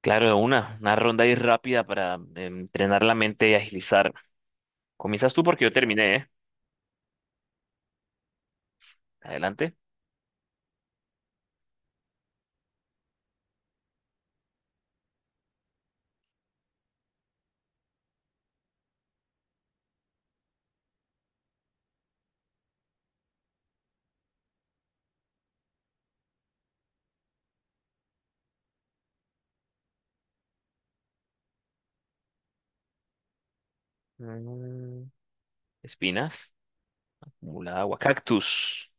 Claro, de una ronda ahí rápida para entrenar la mente y agilizar. Comienzas tú porque yo terminé, ¿eh? Adelante. Mm, espinas, acumulada agua, cactus.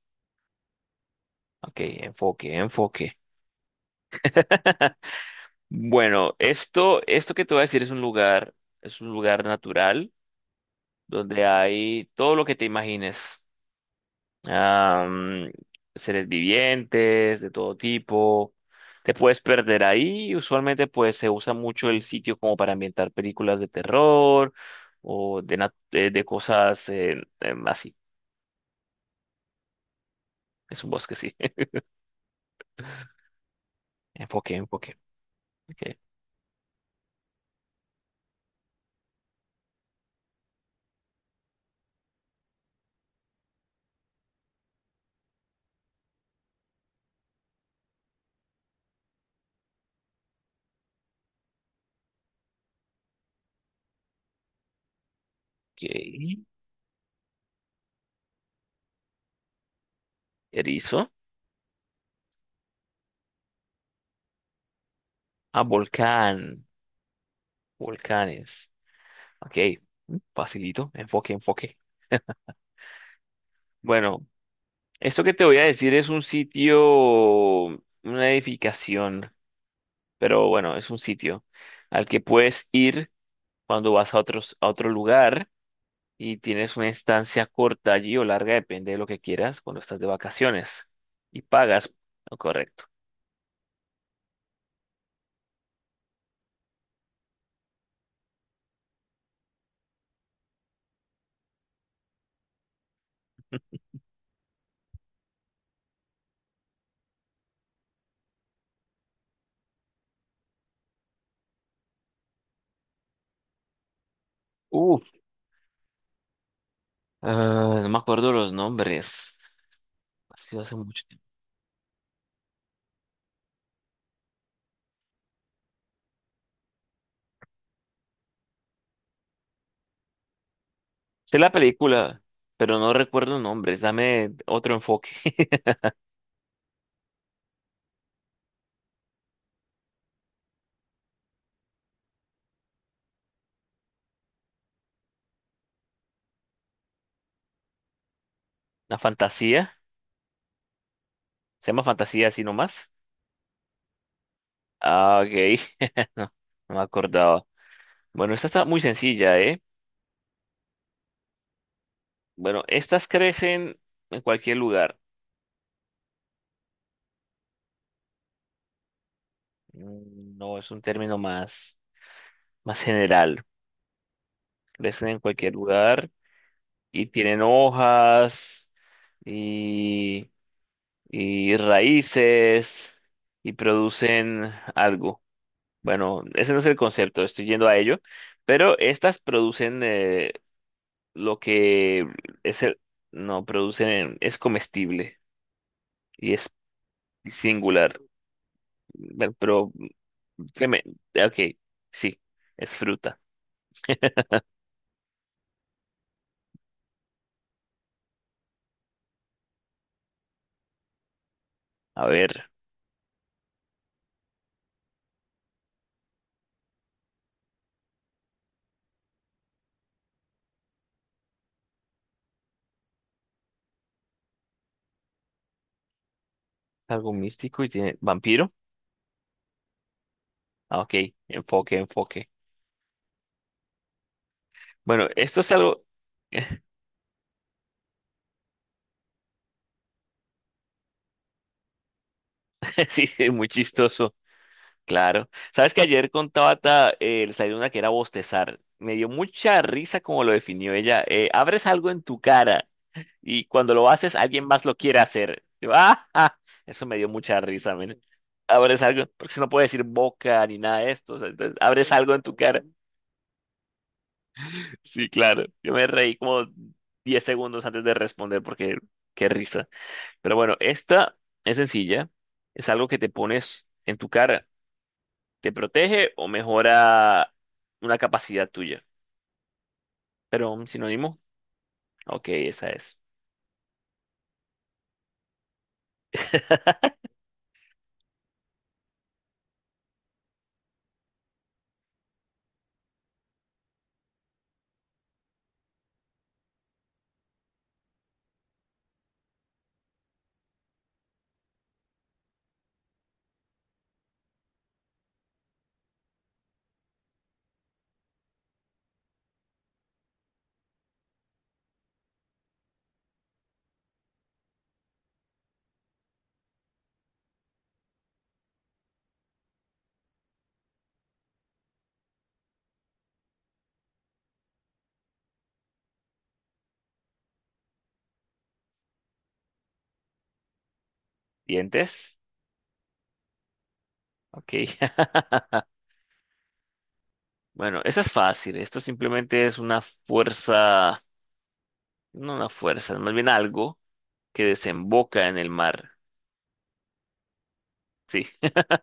Ok, enfoque, enfoque. Bueno, esto que te voy a decir es un lugar natural donde hay todo lo que te imagines. am, Seres vivientes de todo tipo. Te puedes perder ahí. Usualmente pues se usa mucho el sitio como para ambientar películas de terror o de cosas así. Es un bosque, sí. Enfoque, enfoque. Ok. Ok. Erizo. Ah, volcán. Volcanes. Ok. Mm, facilito. Enfoque, enfoque. Bueno, esto que te voy a decir es un sitio, una edificación, pero bueno, es un sitio al que puedes ir cuando vas a otros, a otro lugar y tienes una estancia corta allí o larga, depende de lo que quieras, cuando estás de vacaciones y pagas lo correcto. Uf, ah, no me acuerdo los nombres, ha sido hace mucho tiempo. Sé la película, pero no recuerdo nombres, dame otro enfoque. La fantasía, se llama fantasía así nomás. Ah, ok, no, no me acordaba. Bueno, esta está muy sencilla, ¿eh? Bueno, estas crecen en cualquier lugar. No es un término más general. Crecen en cualquier lugar y tienen hojas y, y raíces y producen algo. Bueno, ese no es el concepto, estoy yendo a ello. Pero estas producen lo que es el... No, producen... Es comestible y es singular. Bueno, pero que me, ok, sí, es fruta. A ver, algo místico y tiene vampiro. Ah, ok, enfoque, enfoque. Bueno, esto es algo, sí, sí, muy chistoso, claro. Sabes que ayer con Tabata le salió una que era bostezar. Me dio mucha risa como lo definió ella. Abres algo en tu cara y cuando lo haces, alguien más lo quiere hacer. Yo, ah, ah, eso me dio mucha risa, men. Abres algo, porque si no puede decir boca ni nada de esto, o sea, entonces, abres algo en tu cara. Sí, claro. Yo me reí como 10 segundos antes de responder porque qué risa. Pero bueno, esta es sencilla. Es algo que te pones en tu cara. ¿Te protege o mejora una capacidad tuya? Pero un sinónimo. Ok, esa es. ¿Dientes? Ok. Bueno, esa es fácil. Esto simplemente es una fuerza, no una fuerza, más bien algo que desemboca en el mar. Sí.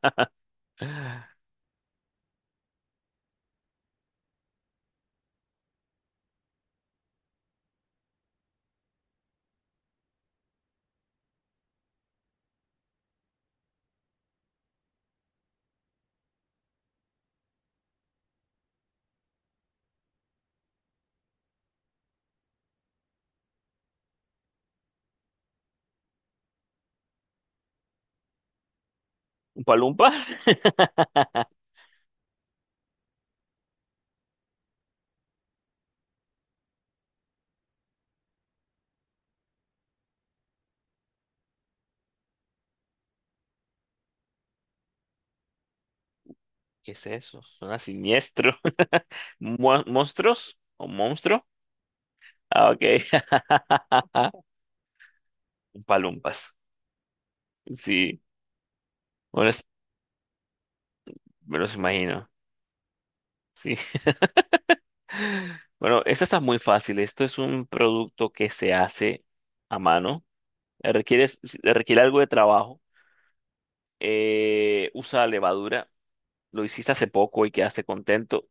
¿Un palumpa? ¿Qué es eso? Suena siniestro. ¿Mu- ¿Monstruos? ¿O monstruo? Ah, ok. Palumpas. Sí. Bueno, es- me los imagino. Sí. Bueno, esta está muy fácil. Esto es un producto que se hace a mano. Requiere, requiere, algo de trabajo. Usa levadura. Lo hiciste hace poco y quedaste contento.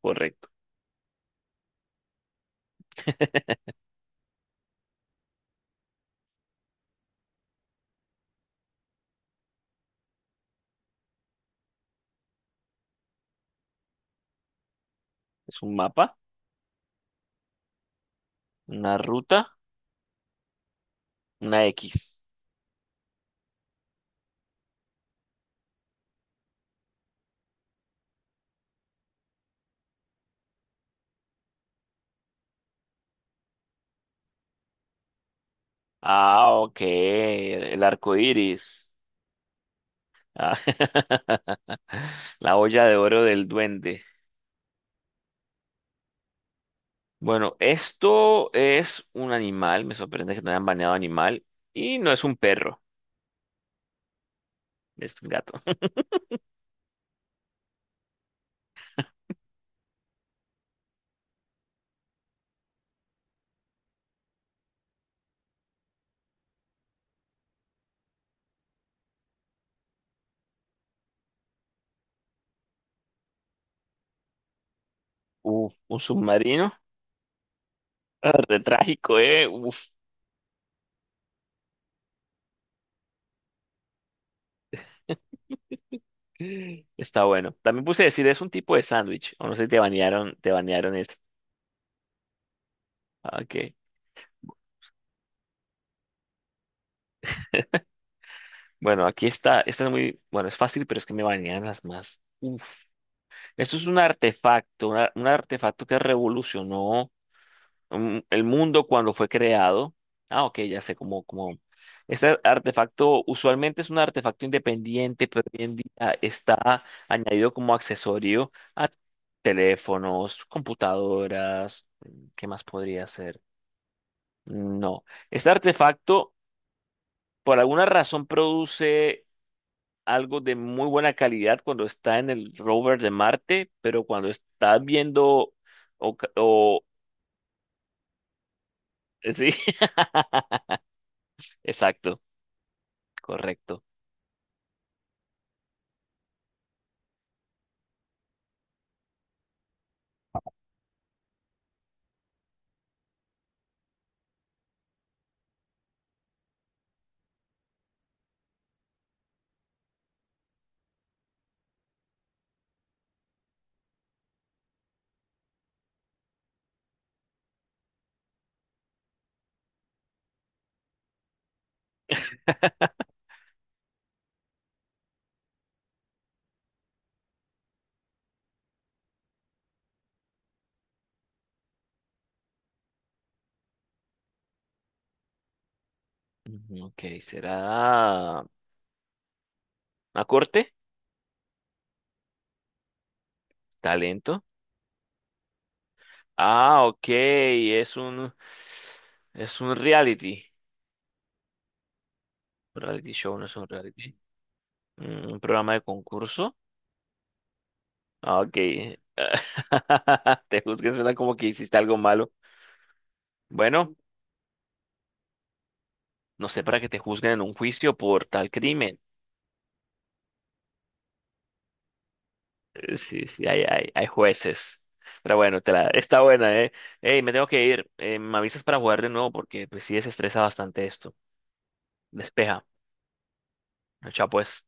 Correcto. Es un mapa, una ruta, una X. Ah, ok, el arco iris. Ah, la olla de oro del duende. Bueno, esto es un animal, me sorprende que no hayan baneado animal, y no es un perro, es un gato. Uf, un submarino. Ah, re trágico, eh. Uf, está bueno. También puse decir, es un tipo de sándwich, o no sé si te banearon, te banearon esto. Ah, ok, bueno, aquí está, esta es muy, bueno, es fácil, pero es que me banearon las más. Eso es un artefacto, un artefacto que revolucionó el mundo cuando fue creado. Ah, ok, ya sé cómo. Este artefacto usualmente es un artefacto independiente, pero hoy en día está añadido como accesorio a teléfonos, computadoras. ¿Qué más podría ser? No. Este artefacto, por alguna razón, produce algo de muy buena calidad cuando está en el rover de Marte, pero cuando está viendo o, ca- o- sí, exacto, correcto. Ujú, ok, será a corte, talento. Ah, ok, es un reality show, no es un reality. Un programa de concurso. Ah, ok, te juzgues, suena como que hiciste algo malo. Bueno, no sé, para que te juzguen en un juicio por tal crimen. Sí, sí, hay jueces. Pero bueno, está buena, ¿eh? Ey, me tengo que ir. Me avisas para jugar de nuevo porque pues sí desestresa bastante esto. Despeja. Chao, pues.